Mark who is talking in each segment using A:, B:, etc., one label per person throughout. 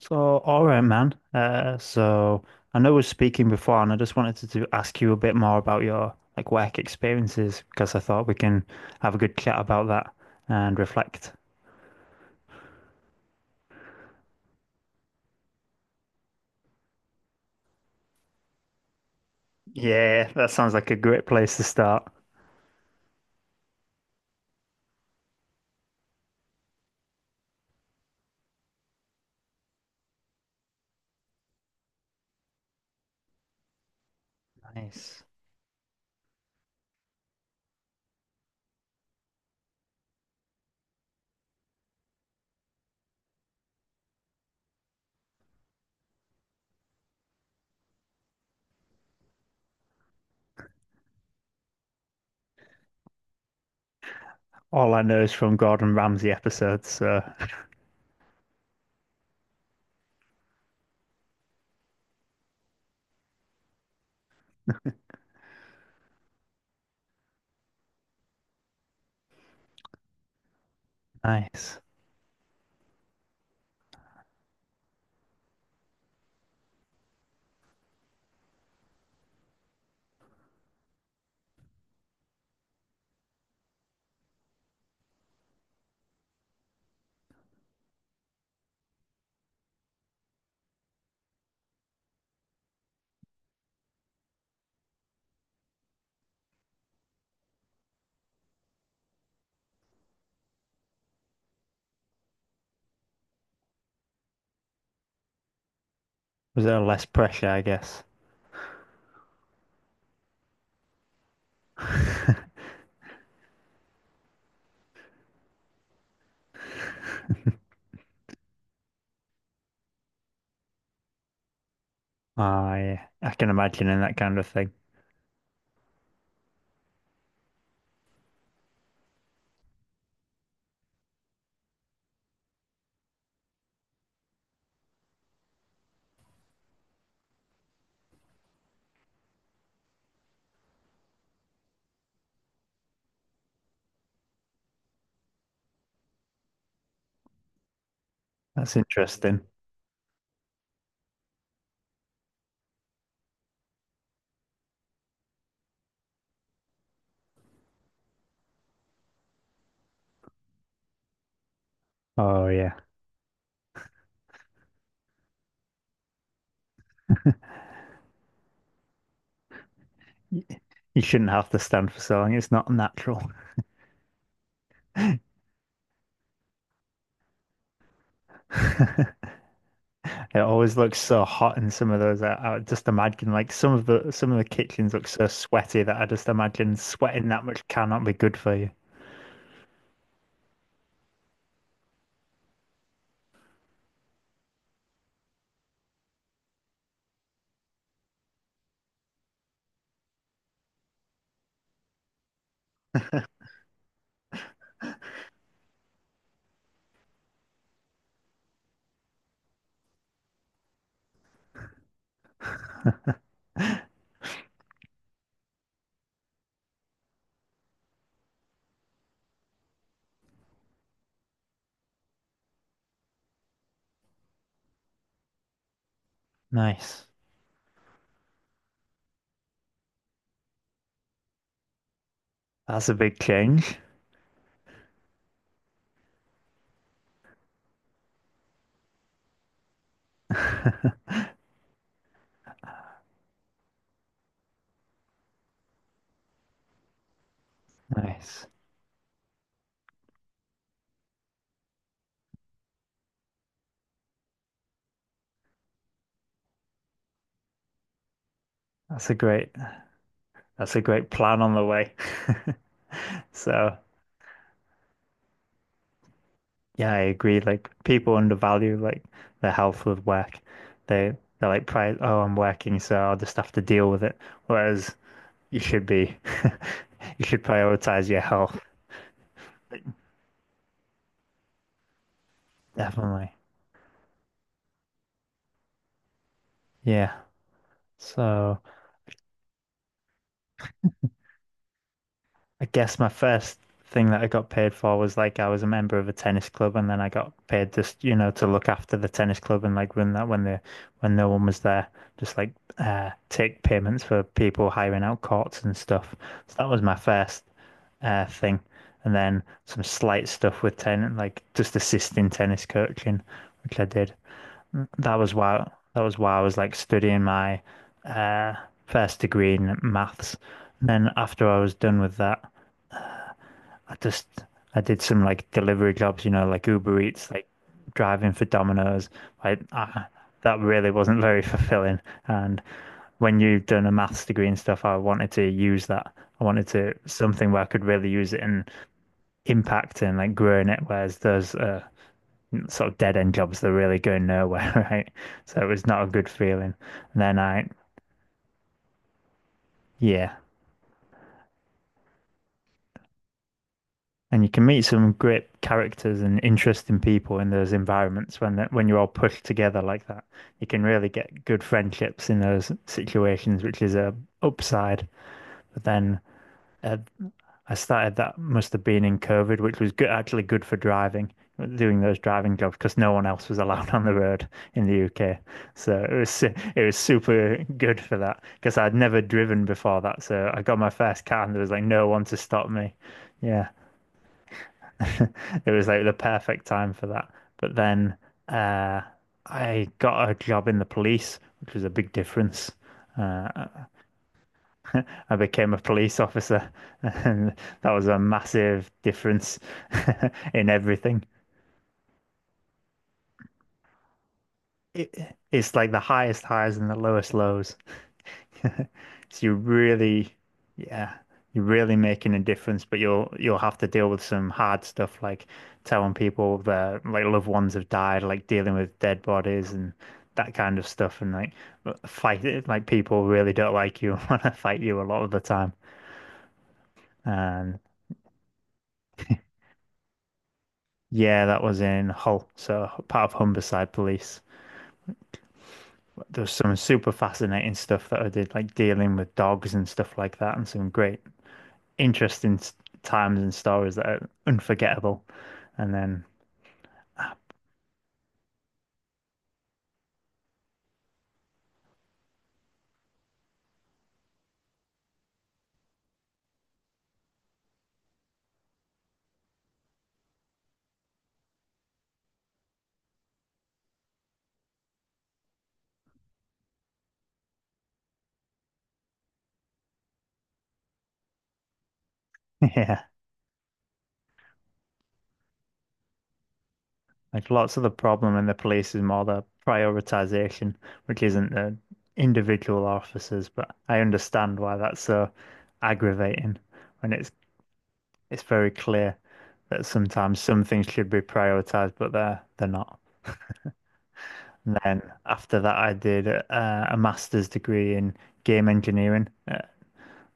A: So, all right, man. So I know we are speaking before, and I just wanted to ask you a bit more about your like work experiences because I thought we can have a good chat about that and reflect. Yeah, that sounds like a great place to start. Nice. All I know is from Gordon Ramsay episodes, so nice. Was there less pressure, I guess? I can imagine in that kind of thing. That's interesting. Oh yeah. Y- You shouldn't have to stand for so long. It's not natural. It always looks so hot in some of those. I just imagine like some of the kitchens look so sweaty that I just imagine sweating that much cannot be good for you. Nice. That's a big change. Nice. That's a great that's a great plan on the way. So yeah, I agree. Like people undervalue like their health with work. They they're like pri oh I'm working, so I'll just have to deal with it. Whereas you should be you should prioritize your health. Definitely. Yeah. So I guess my first thing that I got paid for was like I was a member of a tennis club, and then I got paid just, you know, to look after the tennis club and like run that when no one was there, just like take payments for people hiring out courts and stuff. So that was my first thing, and then some slight stuff with tennis, like just assisting tennis coaching, which I did. that was why that was why I was like studying my uh first degree in maths. And then after I was done with that, I just I did some like delivery jobs, you know, like Uber Eats, like driving for Domino's. Like I, that really wasn't very fulfilling. And when you've done a maths degree and stuff, I wanted to use that. I wanted to something where I could really use it and impact and like grow in it. Whereas those sort of dead end jobs that really go nowhere, right? So it was not a good feeling. And then I, yeah, and you can meet some great characters and interesting people in those environments when you're all pushed together like that. You can really get good friendships in those situations, which is a upside. But then uh, I started that must have been in COVID, which was good, actually good for driving, doing those driving jobs because no one else was allowed on the road in the UK. So it was super good for that because I'd never driven before that. So I got my first car and there was like no one to stop me. Yeah, it was like the perfect time for that. But then uh, I got a job in the police, which was a big difference. Uh, I became a police officer, and that was a massive difference in everything. It's like the highest highs and the lowest lows. So yeah, you're really making a difference, but you'll have to deal with some hard stuff like telling people their like loved ones have died, like dealing with dead bodies and that kind of stuff, and like fight it. People really don't like you and want to fight you a lot of the time. And yeah, that was in Hull, so part of Humberside Police. There was some super fascinating stuff that I did, like dealing with dogs and stuff like that, and some great, interesting times and stories that are unforgettable. And then, yeah, like lots of the problem in the police is more the prioritization, which isn't the individual officers, but I understand why that's so aggravating when it's very clear that sometimes some things should be prioritized, but they're not. And then after that, I did a master's degree in game engineering,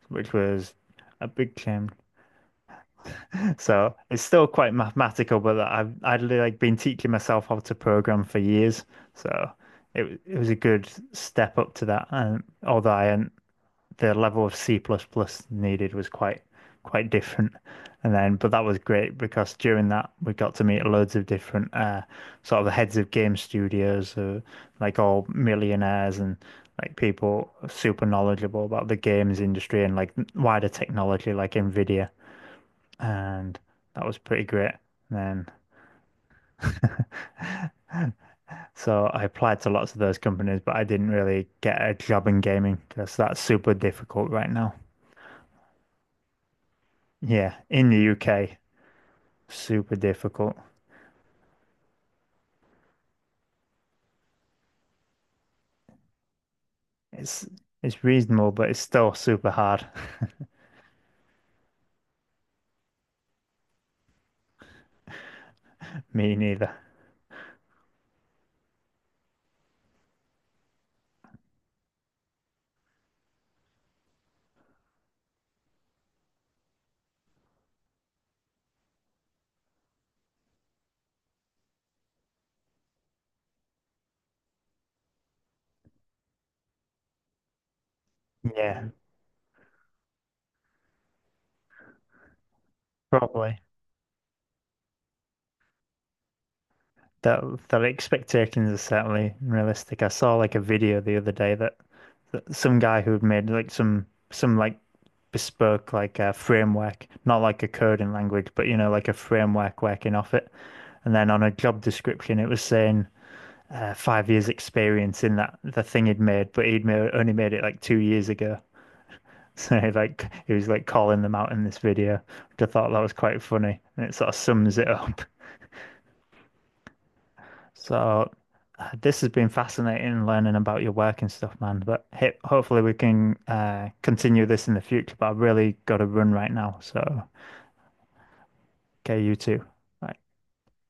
A: which was a big change. So it's still quite mathematical, but I'd like been teaching myself how to program for years. So it was a good step up to that. And although I hadn't the level of C++ plus plus needed was quite different. And then, but that was great because during that we got to meet loads of different sort of heads of game studios, like all millionaires and like people super knowledgeable about the games industry and like wider technology, like Nvidia. And that was pretty great. And then, so I applied to lots of those companies, but I didn't really get a job in gaming because that's super difficult right now. Yeah, in the UK, super difficult. It's it's reasonable, but it's still super hard. Me neither. Yeah, probably. That the expectations are certainly realistic. I saw like a video the other day that some guy who had made like some like bespoke like a framework, not like a coding language, but you know like a framework working off it. And then on a job description, it was saying 5 years experience in that the thing he'd made, but only made it like 2 years ago. So like he was like calling them out in this video, which I thought that was quite funny, and it sort of sums it up. So this has been fascinating learning about your work and stuff, man. But hey, hopefully we can continue this in the future. But I've really got to run right now, so okay, you too. Bye.